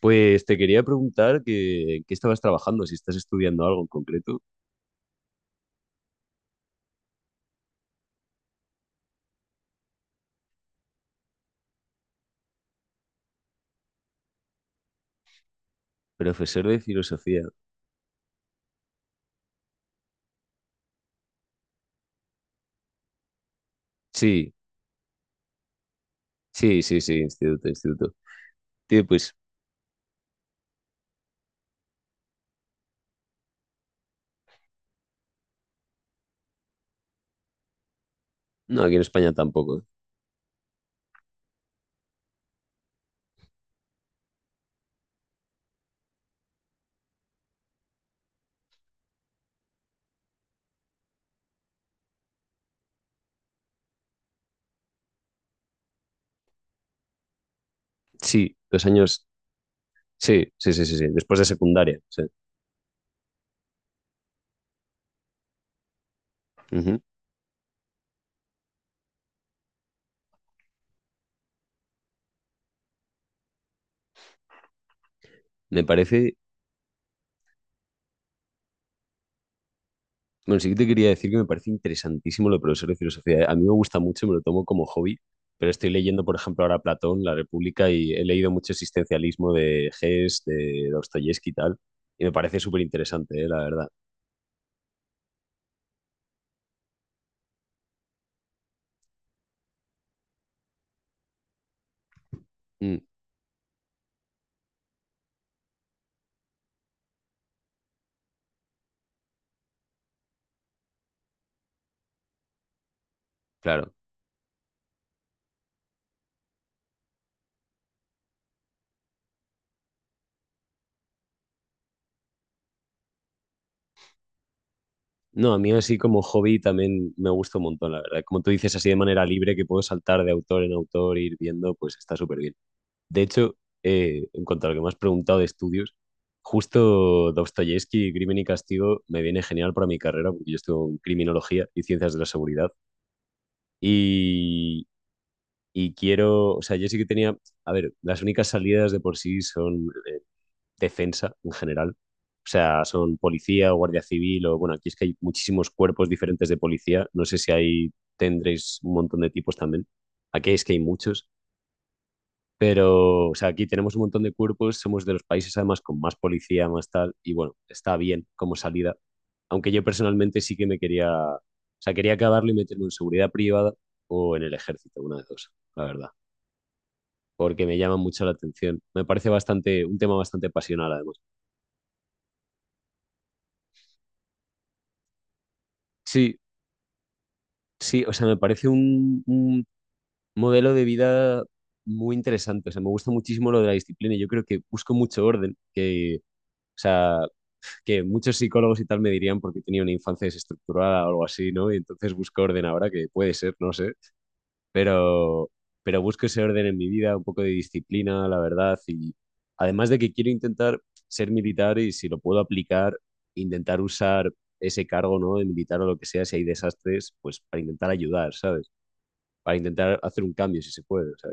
Pues te quería preguntar que, en qué estabas trabajando, si estás estudiando algo en concreto. Profesor de filosofía. Sí, sí, sí, sí, instituto, instituto. Tío, pues no, aquí en España tampoco. Sí, dos años. Sí, sí, sí, sí, sí, después de secundaria. Sí. Ujú. Me parece, bueno, sí que te quería decir que me parece interesantísimo lo de profesor de filosofía. A mí me gusta mucho, me lo tomo como hobby, pero estoy leyendo, por ejemplo, ahora Platón, La República, y he leído mucho existencialismo de Hess, de Dostoyevsky y tal, y me parece súper interesante, la verdad. Claro. No, a mí así como hobby también me gusta un montón, la verdad. Como tú dices, así de manera libre que puedo saltar de autor en autor, ir viendo, pues está súper bien. De hecho, en cuanto a lo que me has preguntado de estudios, justo Dostoyevsky, Crimen y Castigo, me viene genial para mi carrera, porque yo estudio en criminología y ciencias de la seguridad. Y, y quiero, o sea, yo sí que tenía, a ver, las únicas salidas de por sí son defensa en general. O sea, son policía o guardia civil o bueno, aquí es que hay muchísimos cuerpos diferentes de policía. No sé si ahí tendréis un montón de tipos también. Aquí es que hay muchos, pero o sea, aquí tenemos un montón de cuerpos, somos de los países además con más policía, más tal, y bueno, está bien como salida. Aunque yo personalmente sí que me quería, o sea, quería acabarlo y meterme en seguridad privada o en el ejército, una de dos, la verdad, porque me llama mucho la atención. Me parece bastante, un tema bastante pasional además. Sí, sí, o sea, me parece un modelo de vida muy interesante. O sea, me gusta muchísimo lo de la disciplina. Y Yo creo que busco mucho orden, o sea, que muchos psicólogos y tal me dirían porque tenía una infancia desestructurada o algo así, ¿no? Y entonces busco orden ahora, que puede ser, no sé. Pero, pero busco ese orden en mi vida, un poco de disciplina, la verdad. Y además de que quiero intentar ser militar y si lo puedo aplicar, intentar usar ese cargo, ¿no? De militar o lo que sea, si hay desastres, pues para intentar ayudar, ¿sabes? Para intentar hacer un cambio si se puede. O sea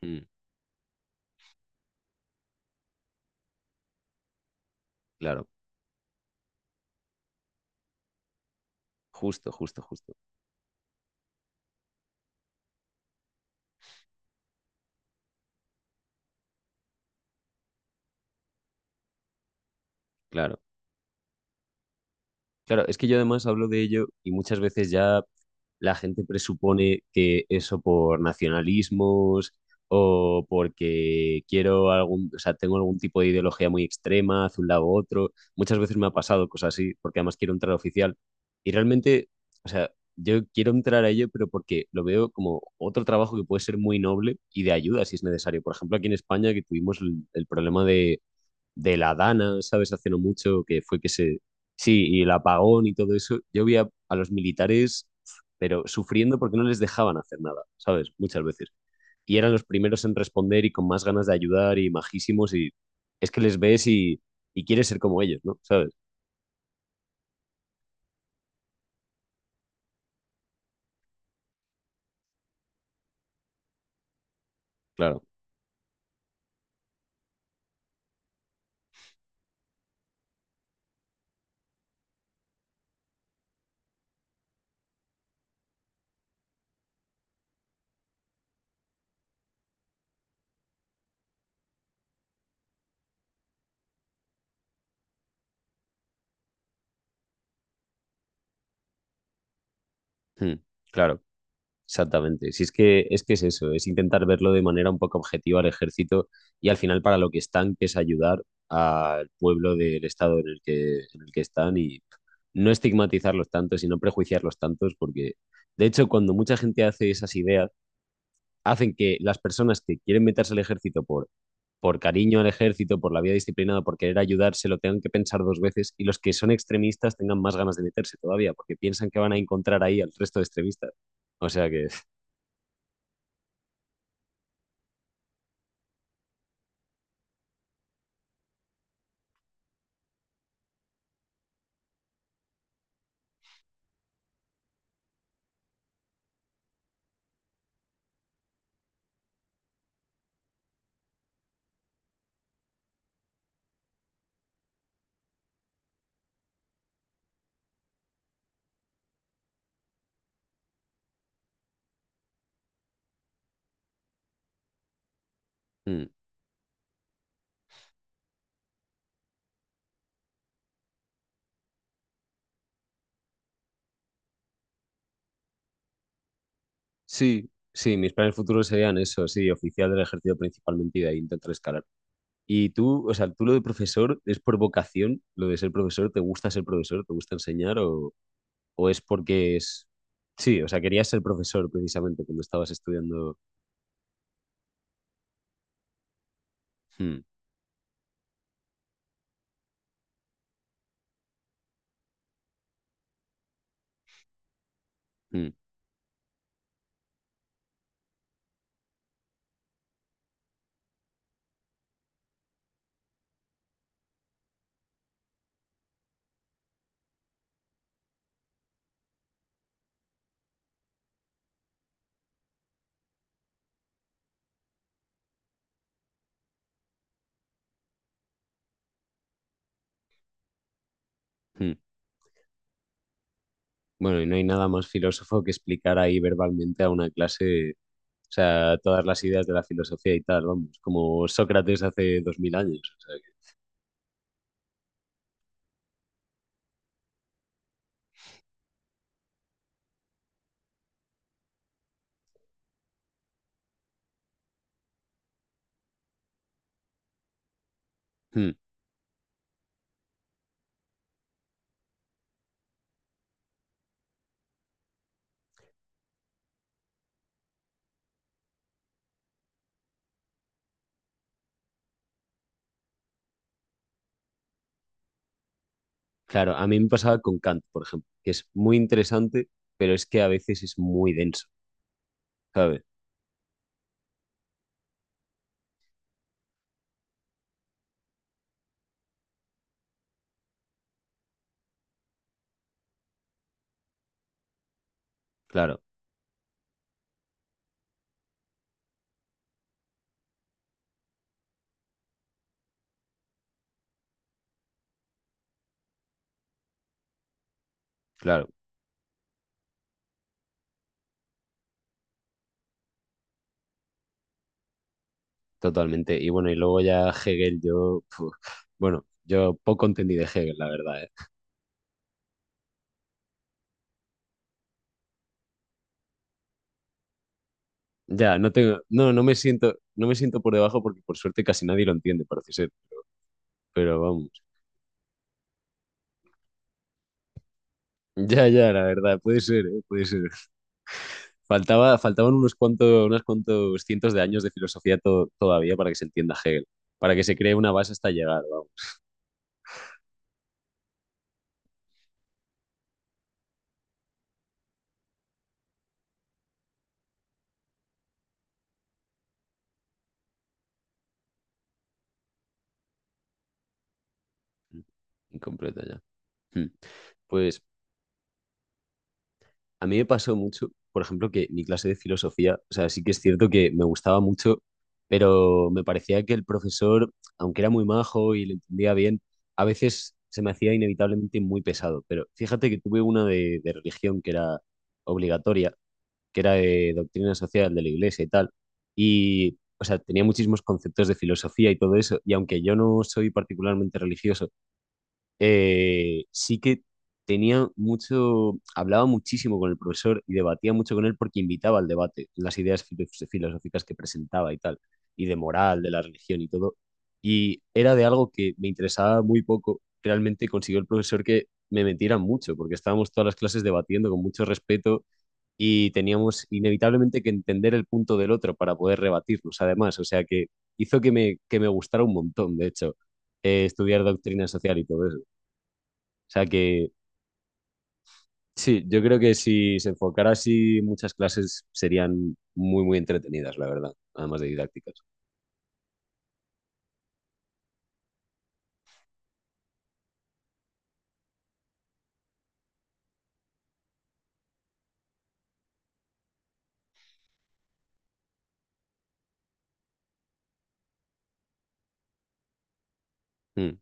que, mm, claro, justo, justo, justo. Claro. Claro, es que yo además hablo de ello y muchas veces ya la gente presupone que eso por nacionalismos o porque quiero algún, o sea, tengo algún tipo de ideología muy extrema hacia un lado u otro. Muchas veces me ha pasado cosas así, porque además quiero entrar oficial. Y realmente, o sea, yo quiero entrar a ello, pero porque lo veo como otro trabajo que puede ser muy noble y de ayuda si es necesario. Por ejemplo, aquí en España que tuvimos el problema de la Dana, ¿sabes? Hace no mucho, que fue que se... Sí, y el apagón y todo eso. Yo vi a los militares, pero sufriendo porque no les dejaban hacer nada, ¿sabes? Muchas veces. Y eran los primeros en responder y con más ganas de ayudar y majísimos y es que les ves y quieres ser como ellos, ¿no? ¿Sabes? Claro, hmm, claro. Exactamente. Si es que, es que es eso, es intentar verlo de manera un poco objetiva al ejército y al final para lo que están, que es ayudar al pueblo del estado en el que están y no estigmatizarlos tanto, sino prejuiciarlos tantos, porque de hecho cuando mucha gente hace esas ideas, hacen que las personas que quieren meterse al ejército por cariño al ejército, por la vida disciplinada, por querer ayudarse, lo tengan que pensar dos veces y los que son extremistas tengan más ganas de meterse todavía, porque piensan que van a encontrar ahí al resto de extremistas. O sea que... Sí, sí, mis planes futuros serían eso, sí, oficial del ejército principalmente y de ahí intentar escalar. Y tú, o sea, tú lo de profesor es por vocación, lo de ser profesor, ¿te gusta ser profesor? ¿Te gusta enseñar? O es porque es... Sí, o sea, querías ser profesor precisamente cuando estabas estudiando... Hmm, hmm, hmm. Bueno, y no hay nada más filósofo que explicar ahí verbalmente a una clase, o sea, todas las ideas de la filosofía y tal, vamos, como Sócrates hace 2000 años. O sea que, hmm. Claro, a mí me pasaba con Kant, por ejemplo, que es muy interesante, pero es que a veces es muy denso, ¿sabes? Claro, claro, totalmente. Y bueno, y luego ya Hegel, yo, fu, bueno, yo poco entendí de Hegel, la verdad, ¿eh? Ya, no, no me siento, no me siento por debajo porque por suerte casi nadie lo entiende, parece ser, pero vamos. Ya, ya, la verdad, puede ser, ¿eh? Puede ser. Faltaban unos cuantos cientos de años de filosofía todavía para que se entienda Hegel, para que se cree una base hasta llegar, vamos. Incompleta ya. Hmm. Pues a mí me pasó mucho, por ejemplo, que mi clase de filosofía, o sea, sí que es cierto que me gustaba mucho, pero me parecía que el profesor, aunque era muy majo y lo entendía bien, a veces se me hacía inevitablemente muy pesado. Pero fíjate que tuve una de religión que era obligatoria, que era de doctrina social de la iglesia y tal, y, o sea, tenía muchísimos conceptos de filosofía y todo eso, y aunque yo no soy particularmente religioso, sí que tenía mucho, hablaba muchísimo con el profesor y debatía mucho con él porque invitaba al debate, las ideas filosóficas que presentaba y tal, y de moral, de la religión y todo. Y era de algo que me interesaba muy poco. Realmente consiguió el profesor que me metiera mucho, porque estábamos todas las clases debatiendo con mucho respeto y teníamos inevitablemente que entender el punto del otro para poder rebatirnos, además. O sea que hizo que que me gustara un montón, de hecho, estudiar doctrina social y todo eso. O sea que sí, yo creo que si se enfocara así, muchas clases serían muy, muy entretenidas, la verdad, además de didácticas. Mm,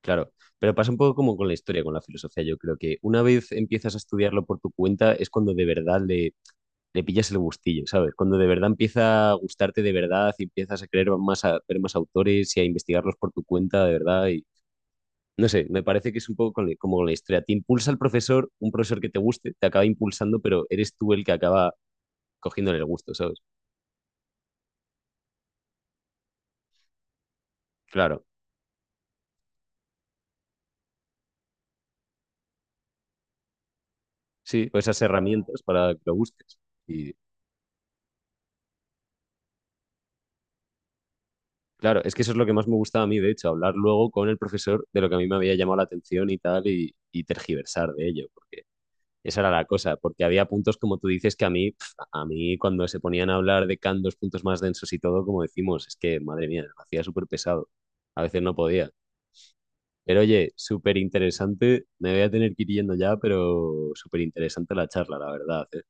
claro, pero pasa un poco como con la historia, con la filosofía. Yo creo que una vez empiezas a estudiarlo por tu cuenta es cuando de verdad le pillas el gustillo, ¿sabes? Cuando de verdad empieza a gustarte de verdad y empiezas a querer más, a ver más autores y a investigarlos por tu cuenta de verdad y, no sé, me parece que es un poco como con la historia. Te impulsa el profesor, un profesor que te guste, te acaba impulsando, pero eres tú el que acaba cogiéndole el gusto, ¿sabes? Claro, sí, pues esas herramientas para que lo busques. Y claro, es que eso es lo que más me gustaba a mí, de hecho, hablar luego con el profesor de lo que a mí me había llamado la atención y tal, y tergiversar de ello, porque esa era la cosa, porque había puntos, como tú dices, que a mí, pf, a mí cuando se ponían a hablar de Kant dos puntos más densos y todo, como decimos, es que, madre mía, me hacía súper pesado. A veces no podía. Pero oye, súper interesante. Me voy a tener que ir yendo ya, pero súper interesante la charla, la verdad. ¿Eh?